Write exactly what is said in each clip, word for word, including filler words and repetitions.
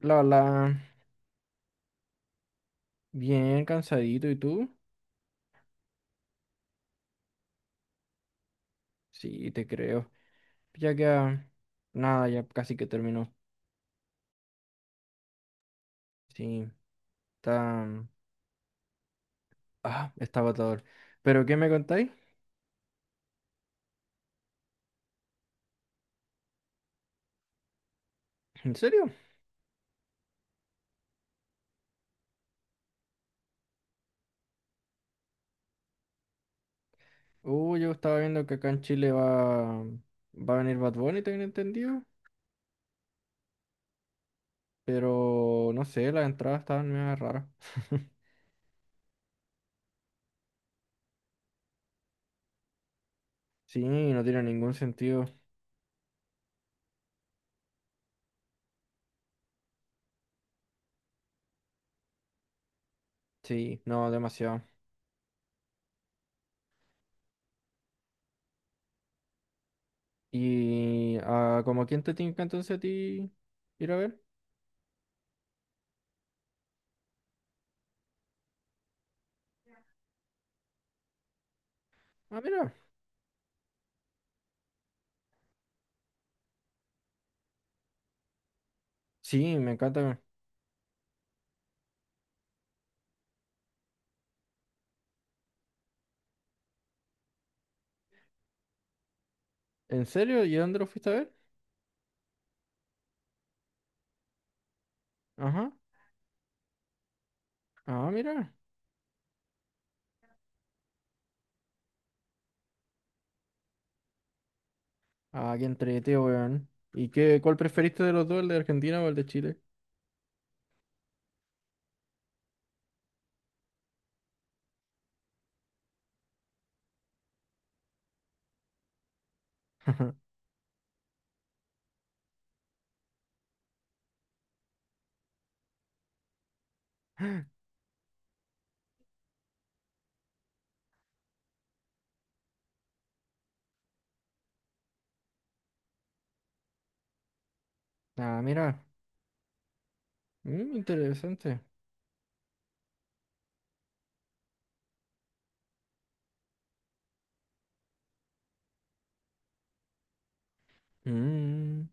La, la, bien cansadito, ¿y tú? Sí, te creo. Ya que, ah, nada, ya casi que terminó. Sí, está, ah, está agotador. ¿Pero qué me contáis? ¿En serio? Uh, yo estaba viendo que acá en Chile va, va a venir Bad Bunny, tengo entendido. Pero, no sé, las entradas estaban medio raras. Sí, no tiene ningún sentido. Sí, no, demasiado. ¿Y ah, como quién te tinca entonces a ti ir a ver? Ah, mira. Sí, me encanta. ¿En serio? ¿Y dónde lo fuiste a ver? Ajá. Ah, mira. Ah, qué entrete, weón. ¿Y qué, cuál preferiste de los dos, el de Argentina o el de Chile? Ah, mira. Mm, interesante. Mm.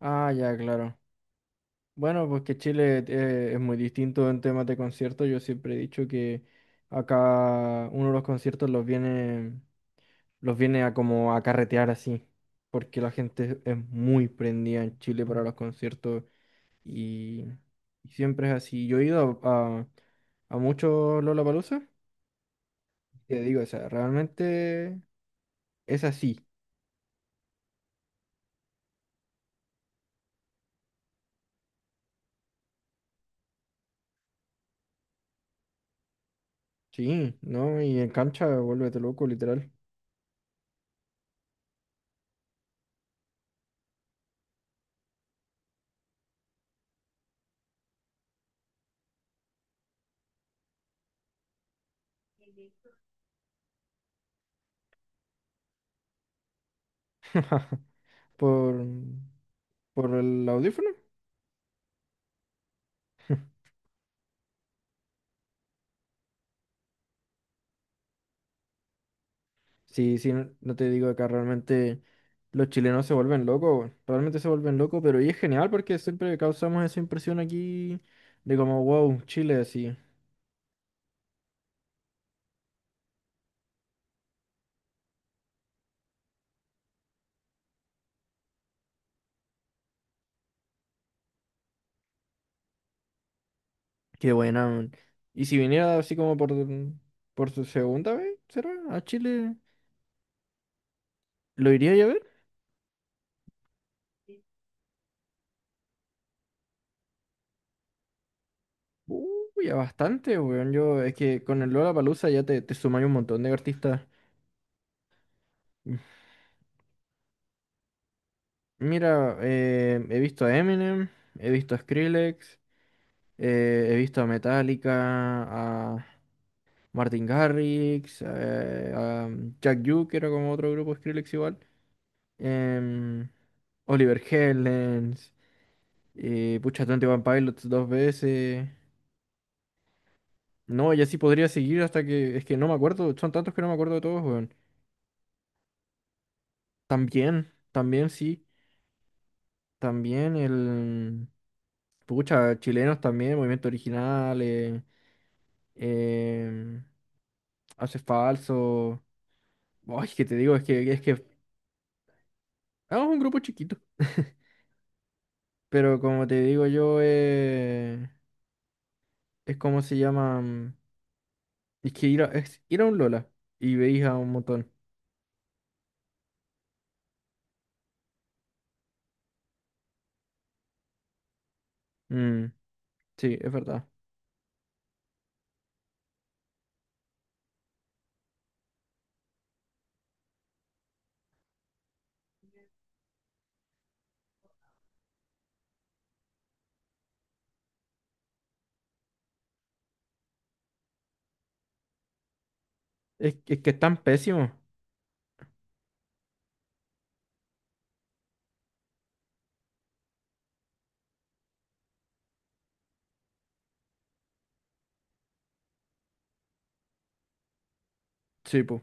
Ah, ya, claro. Bueno, pues que Chile eh, es muy distinto en temas de conciertos. Yo siempre he dicho que acá uno de los conciertos los viene, los viene a como a carretear así. Porque la gente es muy prendida en Chile para los conciertos. Y, y siempre es así. Yo he ido a, a, a muchos Lollapalooza, y te digo, o sea, realmente es así, sí, ¿no? Y en cancha vuélvete loco, literal. Por, por el audífono. Sí, sí, no no te digo acá realmente los chilenos se vuelven locos, weón. Realmente se vuelven locos, pero y es genial porque siempre causamos esa impresión aquí de como, wow, Chile así. Qué buena, man. Y si viniera así como por, por su segunda vez, ¿será? A Chile, ¿lo iría yo a ver? Uy, a bastante, weón. Yo, es que con el Lollapalooza ya te, te sumáis un montón de artistas. M- Mira, eh, he visto a Eminem, he visto a Skrillex, eh, he visto a Metallica, a Martin Garrix, eh, a Jack U, que era como otro grupo Skrillex igual. em, Oliver Heldens. Eh, pucha, Twenty One Pilots dos veces. No, y así podría seguir hasta que. Es que no me acuerdo. Son tantos que no me acuerdo de todos, weón. También, también sí. También el. Pucha, chilenos también, movimiento original. Eh, em, hace falso. Ay, que te digo, es que es que. ah, Es un grupo chiquito. Pero como te digo yo, eh, es como se llama. mm, Es que ir a, es ir a un Lola y veis a un montón. Mm, sí, es verdad. Es, es que están pésimos. Sí, po.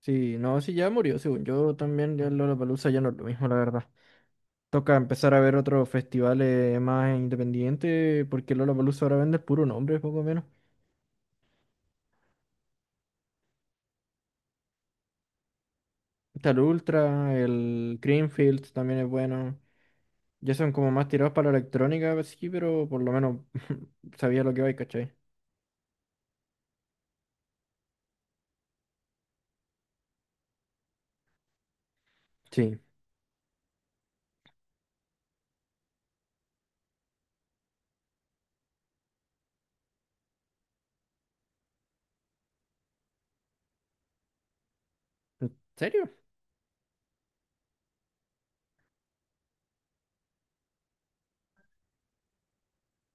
Sí, no, sí, ya murió, según yo también, ya el Lollapalooza ya no es lo mismo, la verdad. Toca empezar a ver otros festivales más independientes, porque el Lollapalooza ahora vende el puro nombre, poco menos. Está el Ultra, el Greenfield también es bueno. Ya son como más tirados para la electrónica, pues sí, pero por lo menos sabía lo que iba y ¿cachai? Sí. ¿En serio?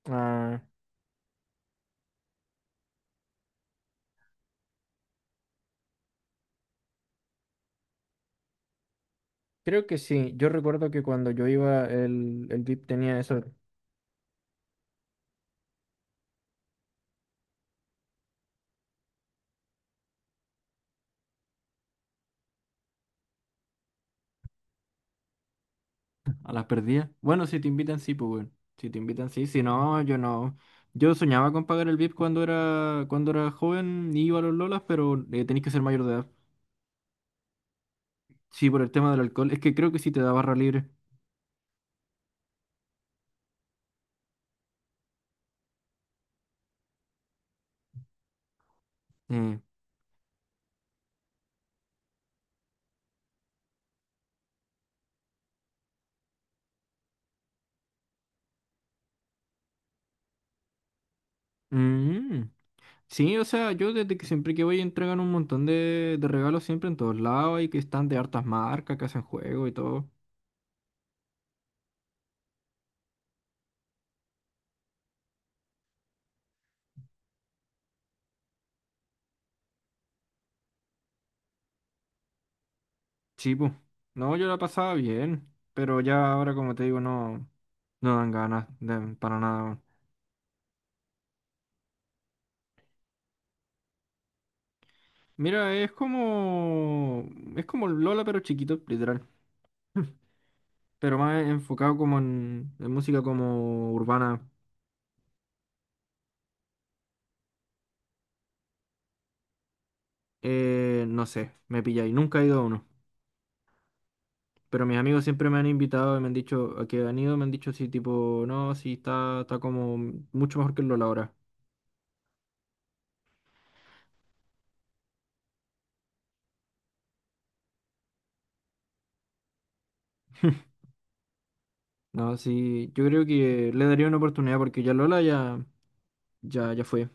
Ah, creo que sí. Yo recuerdo que cuando yo iba, el, el V I P tenía eso. A las perdidas. Bueno, si te invitan, sí, pues, weón. Si te invitan, sí. Si no, yo no. Yo soñaba con pagar el V I P cuando era, cuando era joven y iba a los Lolas, pero eh, tenés que ser mayor de edad. Sí, por el tema del alcohol. Es que creo que sí te da barra libre. Eh, mm. Sí, o sea, yo desde que siempre que voy entregan un montón de, de regalos siempre en todos lados y que están de hartas marcas que hacen juego y todo. Sí, pues. No, yo la pasaba bien, pero ya ahora, como te digo, no, no dan ganas de- para nada, weón. Mira, es como. Es como el Lola, pero chiquito, literal. Pero más enfocado como en, en música como urbana. Eh, no sé, me pilla y nunca he ido a uno. Pero mis amigos siempre me han invitado y me han dicho a que han ido, me han dicho sí, tipo, no, sí, está, está como mucho mejor que el Lola ahora. No, sí, yo creo que le daría una oportunidad porque ya Lola ya, ya, ya fue.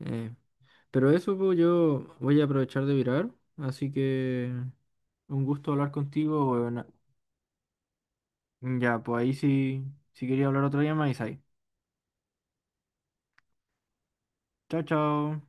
Eh, pero eso pues, yo voy a aprovechar de virar. Así que un gusto hablar contigo, weón. Ya, pues ahí sí, si quería hablar otro día, me ahí. Chao, chao.